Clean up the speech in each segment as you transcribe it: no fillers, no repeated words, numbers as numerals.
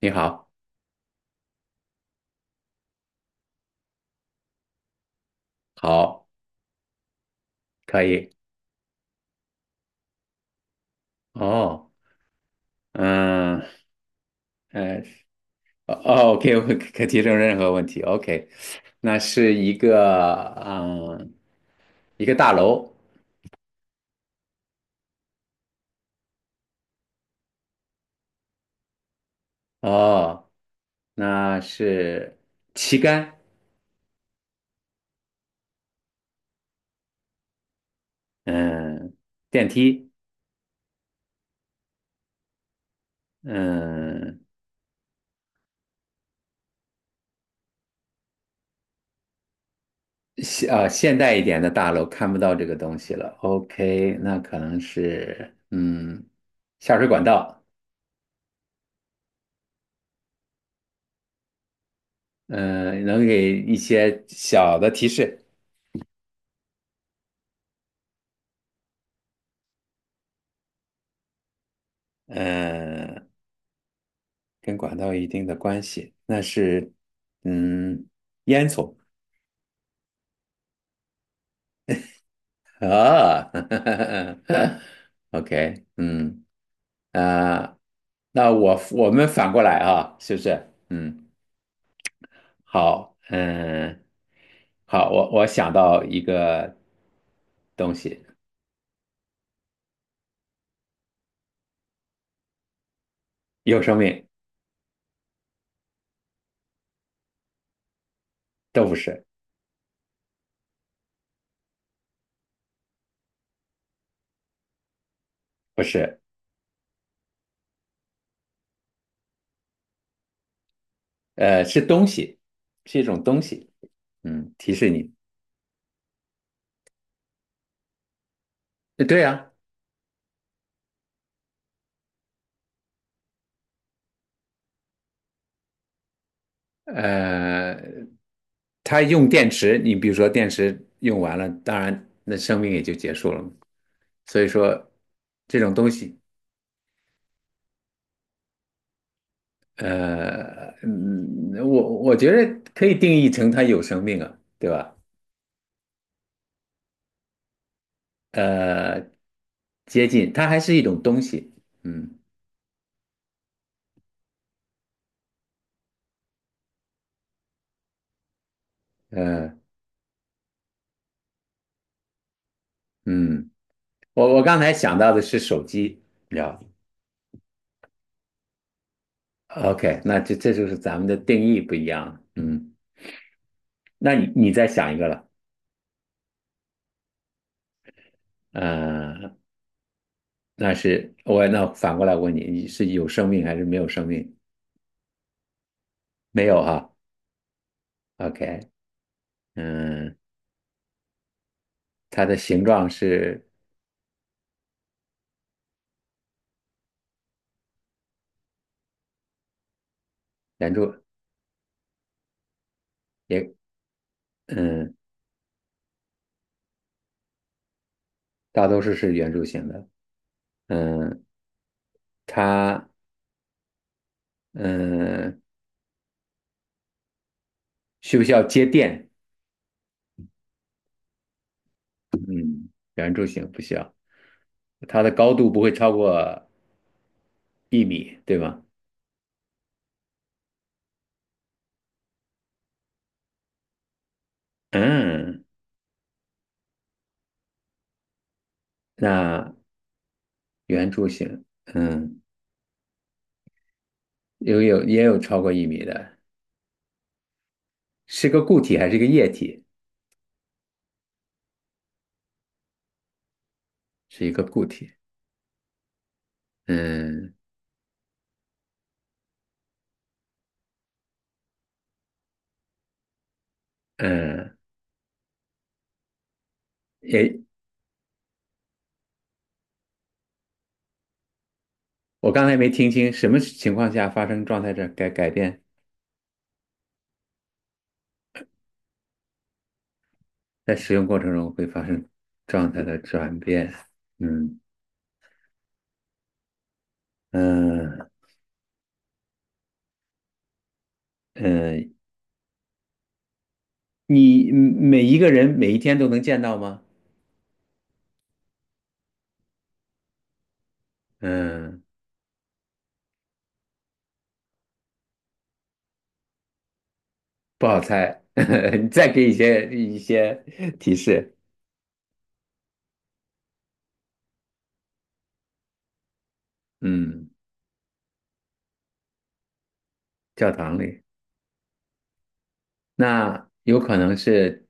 你好，好，可以，哦，嗯，呃，哦哦，OK，我可提出任何问题，OK，那是一个，嗯，一个大楼。哦，那是旗杆。嗯，电梯。嗯，现代一点的大楼看不到这个东西了，OK，那可能是，嗯，下水管道。嗯，能给一些小的提示。嗯，跟管道有一定的关系，那是嗯，烟囱啊。 ，OK，嗯啊，那我们反过来啊，是不是？嗯，好，嗯，好，我想到一个东西。有生命。都不是。不是。呃，是东西，是一种东西。嗯，提示你，呃对呀、呃，它用电池，你比如说电池用完了，当然那生命也就结束了嘛。所以说这种东西，呃，嗯，我觉得可以定义成它有生命啊，对吧？呃，接近，它还是一种东西。嗯，呃，嗯，我刚才想到的是手机，你知道 OK 那这就是咱们的定义不一样了嗯，那你再想一个了。呃那是我那反过来问你，你是有生命还是没有生命？没有哈，OK，嗯，它的形状是圆柱，也嗯，大多数是圆柱形的。嗯，它嗯需不需要接电？嗯，圆柱形不需要。它的高度不会超过一米，对吗？嗯，那圆柱形，嗯，有也有超过一米的。是个固体还是一个液体？是一个固体。嗯嗯，也，我刚才没听清，什么情况下发生状态的改变？在使用过程中会发生状态的转变。嗯嗯嗯，你每一个人每一天都能见到吗？嗯，不好猜。你再给一些提示。嗯，教堂里，那有可能是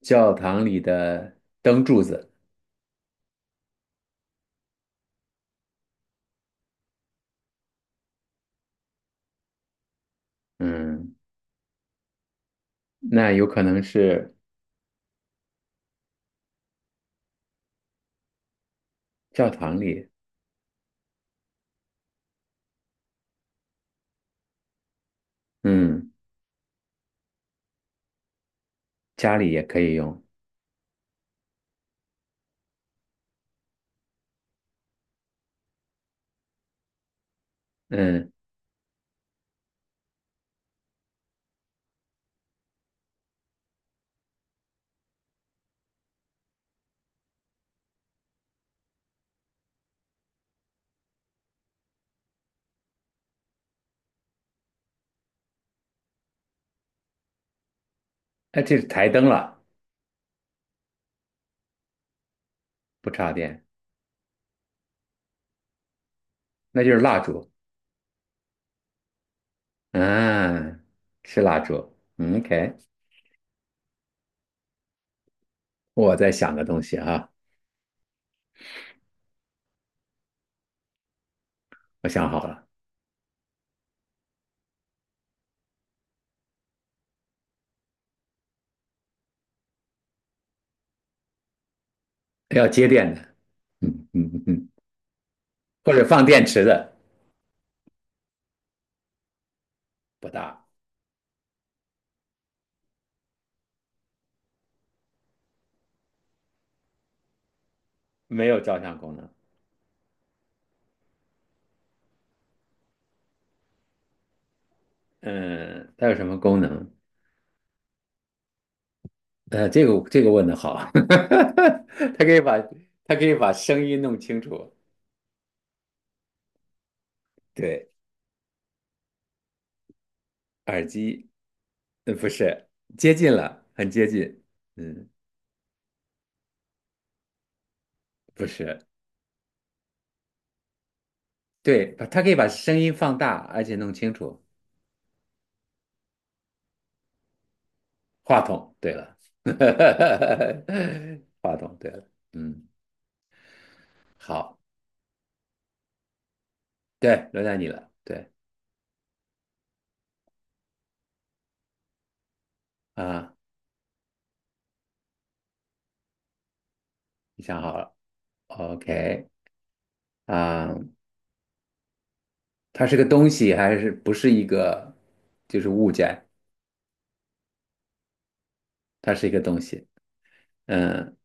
教堂里的灯柱子。嗯，那有可能是教堂里。嗯。家里也可以用。嗯，那这是台灯了，不插电，那就是蜡烛。嗯，是蜡烛。嗯， OK，我在想个东西啊，我想好了，要接电的，嗯嗯嗯嗯，或者放电池的，不大，没有照相功能。嗯，它有什么功能？呃，这个问的好。它可以把声音弄清楚。对，耳机，呃，不是，接近了，很接近。嗯，不是。对，把它可以把声音放大，而且弄清楚。话筒，对了。话筒，对了，嗯，好，对，轮到你了，对啊，你想好了，OK 啊，它是个东西还是不是一个，就是物件？它是一个东西。嗯，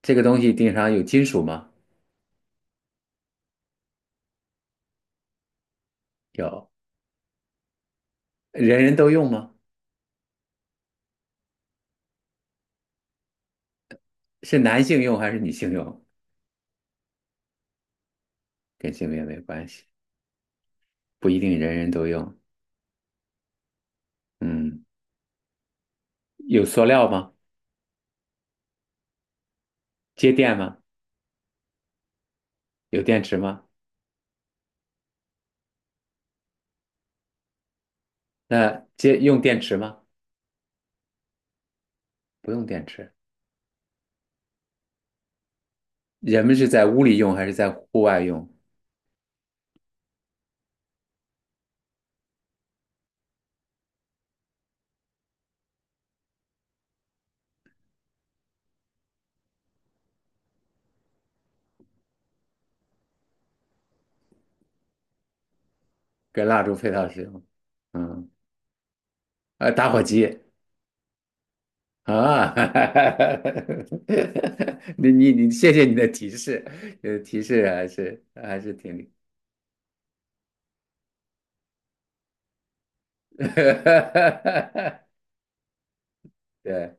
这个东西顶上有金属吗？有，人人都用吗？是男性用还是女性用？跟性别没关系，不一定人人都用。嗯，有塑料吗？接电吗？有电池吗？那接用电池吗？不用电池。人们是在屋里用还是在户外用？跟蜡烛配套使用。嗯，呃，打火机啊。你，谢谢你的提示，呃，提示还是还是挺，对，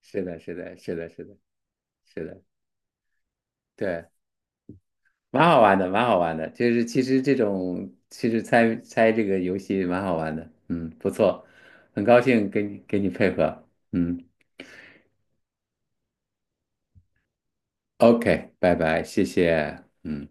是的，是的，是的，是的，是的，对。蛮好玩的，蛮好玩的，就是其实这种其实猜猜这个游戏蛮好玩的，嗯，不错，很高兴跟你配合，嗯，OK，拜拜，谢谢，嗯。